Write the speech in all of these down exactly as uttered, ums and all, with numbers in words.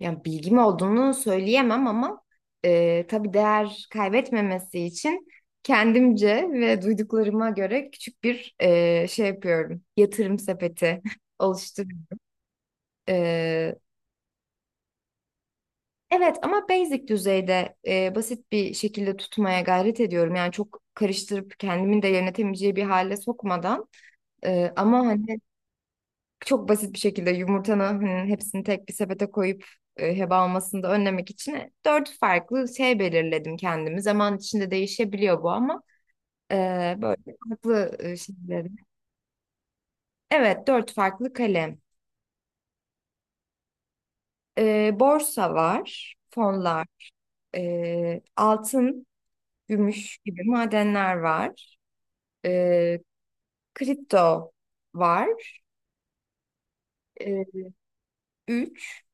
Yani bilgim olduğunu söyleyemem ama e, tabii değer kaybetmemesi için kendimce ve duyduklarıma göre küçük bir e, şey yapıyorum. Yatırım sepeti oluşturuyorum. E, evet, ama basic düzeyde e, basit bir şekilde tutmaya gayret ediyorum. Yani çok karıştırıp kendimin de yönetemeyeceği bir hale sokmadan. E, ama hani çok basit bir şekilde yumurtanın hani hepsini tek bir sepete koyup e, heba olmasını da önlemek için e, dört farklı şey belirledim kendimi. Zaman içinde değişebiliyor bu ama e, böyle farklı e, şeyleri. Evet, dört farklı kalem. E, borsa var, fonlar, e, altın, gümüş gibi madenler var. E, kripto var. E, üç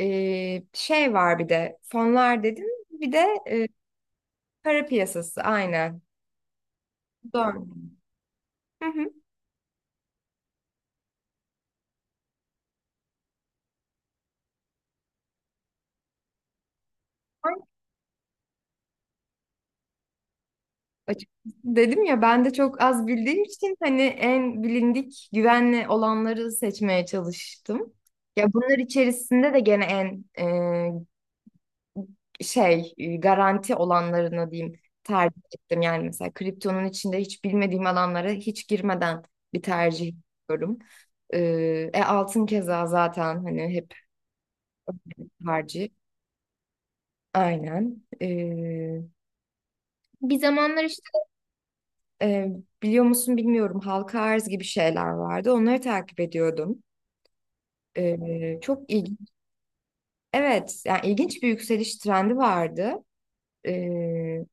e, şey var, bir de fonlar dedim. Bir de e, para piyasası, aynen. Dört. Hı hı. Açıkçası dedim ya, ben de çok az bildiğim için hani en bilindik güvenli olanları seçmeye çalıştım. Ya, bunlar içerisinde de gene en e, şey, e, garanti olanlarını diyeyim, tercih ettim. Yani mesela kriptonun içinde hiç bilmediğim alanlara hiç girmeden bir tercih yapıyorum. Ee, e, altın keza zaten hani hep tercih. Aynen. Ee, bir zamanlar işte, Ee, biliyor musun bilmiyorum, halka arz gibi şeyler vardı. Onları takip ediyordum. Ee, çok ilginç. Evet, yani ilginç bir yükseliş trendi vardı. Ee,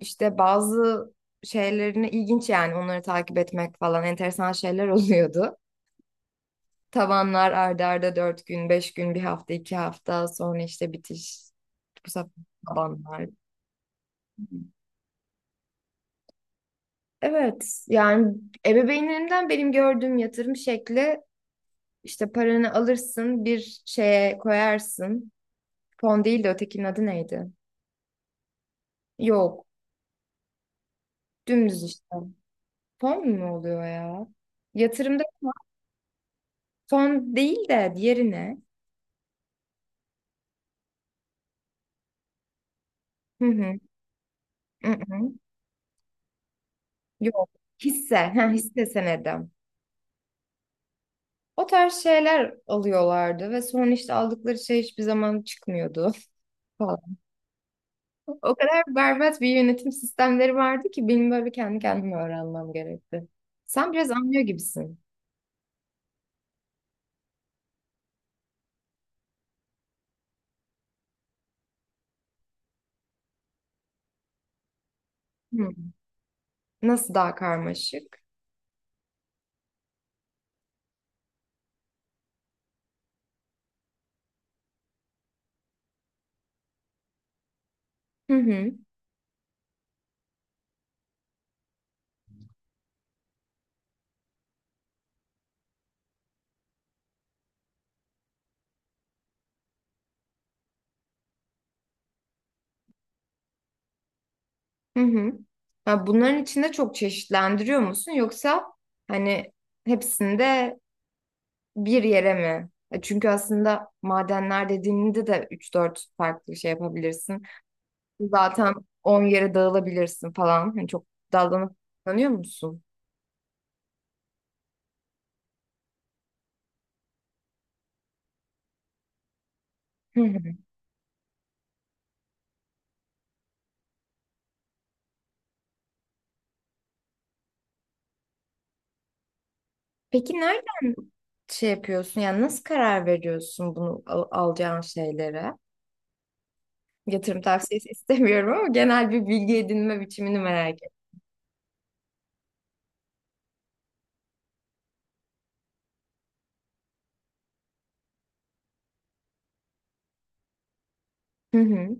işte bazı şeylerini ilginç, yani onları takip etmek falan enteresan şeyler oluyordu. Tavanlar ardarda arda dört gün, beş gün, bir hafta, iki hafta sonra işte bitiş. Bu sefer tabanlar. Evet, yani ebeveynlerimden benim gördüğüm yatırım şekli, İşte paranı alırsın, bir şeye koyarsın. Fon değil de ötekinin adı neydi? Yok. Dümdüz işte. Fon mu oluyor ya? Yatırımda fon değil de diğeri ne? Hı hı. Hı hı. Yok. Hisse. Ha, hisse senedi. O tarz şeyler alıyorlardı ve sonra işte aldıkları şey hiçbir zaman çıkmıyordu falan. O kadar berbat bir yönetim sistemleri vardı ki benim böyle kendi kendime öğrenmem gerekti. Sen biraz anlıyor gibisin. Hı. Nasıl daha karmaşık? Hı hı. Hı hı. Ya, bunların içinde çok çeşitlendiriyor musun, yoksa hani hepsinde bir yere mi? E Çünkü aslında madenler dediğinde de üç dört farklı şey yapabilirsin. Zaten on yere dağılabilirsin falan. Hani çok dallanıp kullanıyor musun? Hı hı. Peki nereden şey yapıyorsun? Yani nasıl karar veriyorsun bunu al- alacağın şeylere? Yatırım tavsiyesi istemiyorum ama genel bir bilgi edinme biçimini merak ettim. Hı hı.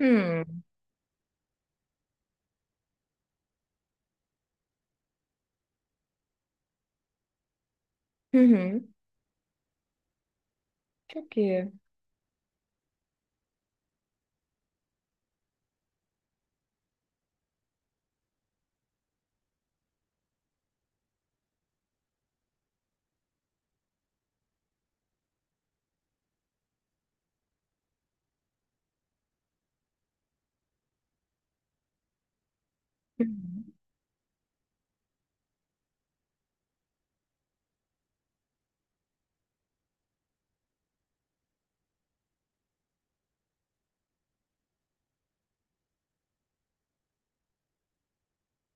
Hı. Hı hı. hı. Çok iyi. Hı.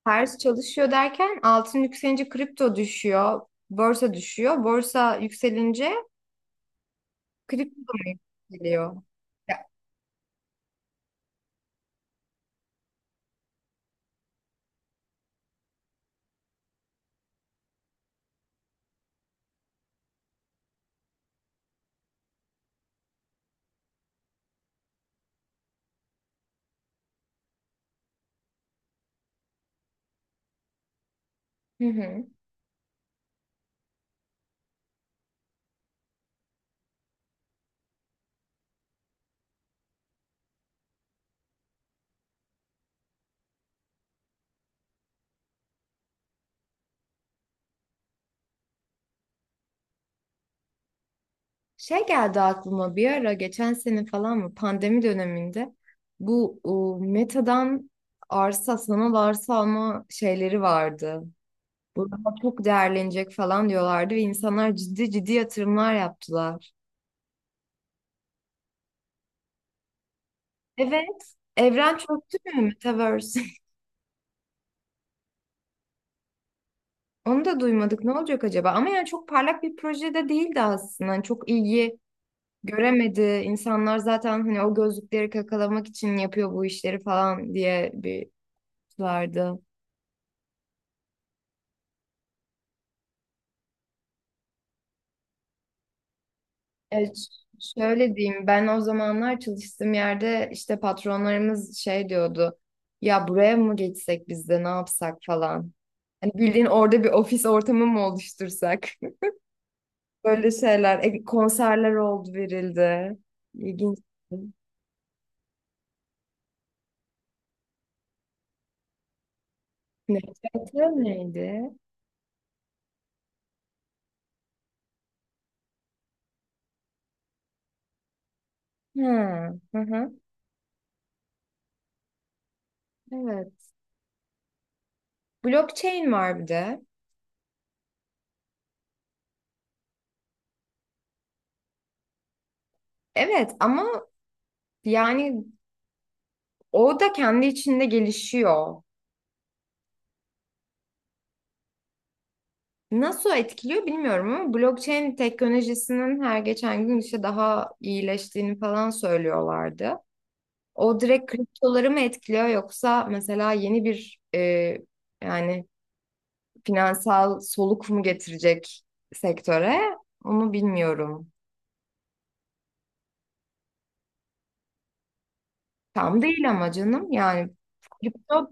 Ters çalışıyor derken altın yükselince kripto düşüyor, borsa düşüyor. Borsa yükselince kripto da yükseliyor. Ya. Hı hı. Şey geldi aklıma, bir ara geçen sene falan mı, pandemi döneminde bu e, Meta'dan arsa sanal arsa alma şeyleri vardı. Burada çok değerlenecek falan diyorlardı ve insanlar ciddi ciddi yatırımlar yaptılar. Evet. Evren çöktü mü Metaverse? Onu da duymadık. Ne olacak acaba? Ama yani çok parlak bir projede değildi aslında. Hani çok ilgi göremedi. İnsanlar zaten hani o gözlükleri kakalamak için yapıyor bu işleri falan diye bir vardı. Evet, şöyle diyeyim. Ben o zamanlar çalıştığım yerde işte patronlarımız şey diyordu. Ya buraya mı geçsek biz de, ne yapsak falan. Hani bildiğin orada bir ofis ortamı mı oluştursak? Böyle şeyler. E, konserler oldu verildi. İlginç. Nefret neydi? Hmm. Hı hı. Evet. Blockchain var bir de. Evet ama yani o da kendi içinde gelişiyor. Nasıl etkiliyor bilmiyorum ama blockchain teknolojisinin her geçen gün işte daha iyileştiğini falan söylüyorlardı. O direkt kriptoları mı etkiliyor, yoksa mesela yeni bir e, yani finansal soluk mu getirecek sektöre, onu bilmiyorum. Tam değil ama canım yani kripto.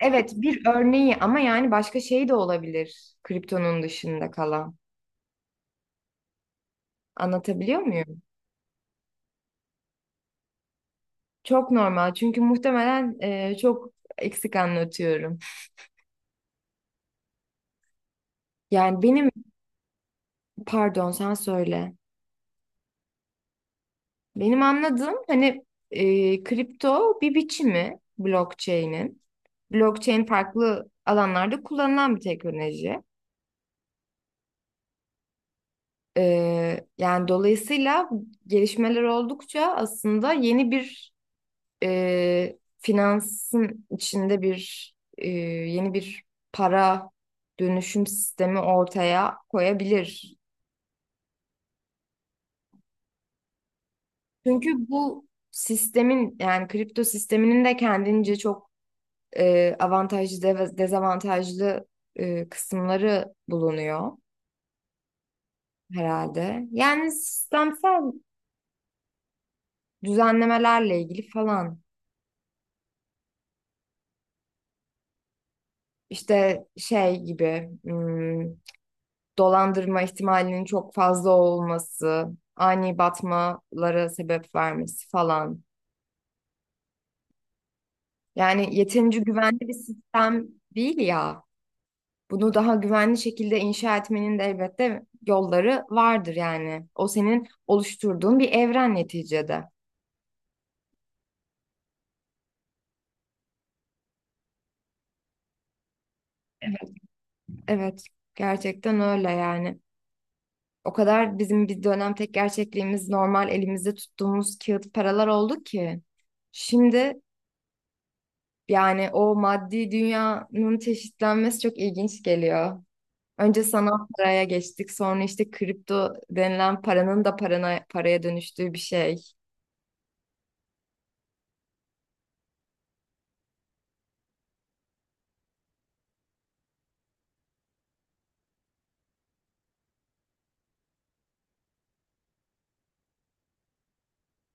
Evet, bir örneği ama yani başka şey de olabilir, kriptonun dışında kalan. Anlatabiliyor muyum? Çok normal çünkü muhtemelen e, çok eksik anlatıyorum. Yani benim, pardon, sen söyle. Benim anladığım hani e, kripto bir biçimi blockchain'in. Blockchain farklı alanlarda kullanılan bir teknoloji. E, yani dolayısıyla gelişmeler oldukça aslında yeni bir, e, finansın içinde bir e, yeni bir para dönüşüm sistemi ortaya koyabilir. Çünkü bu sistemin, yani kripto sisteminin de kendince çok e, avantajlı de dezavantajlı e, kısımları bulunuyor herhalde. Yani sistemsel düzenlemelerle ilgili falan, işte şey gibi hmm, dolandırma ihtimalinin çok fazla olması, ani batmalara sebep vermesi falan. Yani yeterince güvenli bir sistem değil ya. Bunu daha güvenli şekilde inşa etmenin de elbette yolları vardır yani. O senin oluşturduğun bir evren neticede. Evet, gerçekten öyle yani. O kadar bizim bir dönem tek gerçekliğimiz normal elimizde tuttuğumuz kağıt paralar oldu ki. Şimdi, yani o maddi dünyanın çeşitlenmesi çok ilginç geliyor. Önce sanal paraya geçtik, sonra işte kripto denilen paranın da parana, paraya dönüştüğü bir şey.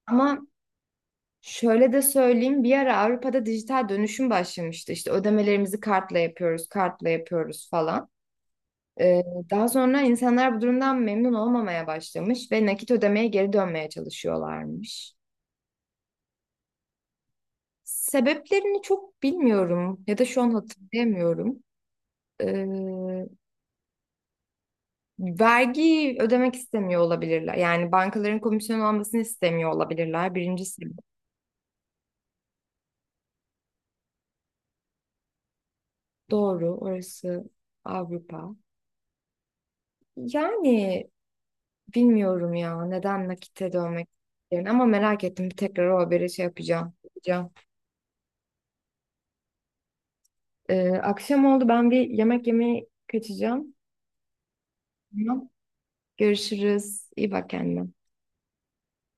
Ama şöyle de söyleyeyim, bir ara Avrupa'da dijital dönüşüm başlamıştı. İşte ödemelerimizi kartla yapıyoruz, kartla yapıyoruz falan. Ee, Daha sonra insanlar bu durumdan memnun olmamaya başlamış ve nakit ödemeye geri dönmeye çalışıyorlarmış. Sebeplerini çok bilmiyorum ya da şu an hatırlayamıyorum. Ee, Vergi ödemek istemiyor olabilirler. Yani bankaların komisyon almasını istemiyor olabilirler. Birincisi doğru. Orası Avrupa. Yani bilmiyorum ya neden nakite dönmek istediklerini, ama merak ettim. Bir tekrar o haberi şey yapacağım. yapacağım. Ee, akşam oldu, ben bir yemek yemeye kaçacağım. Tamam. Görüşürüz. İyi bak kendine.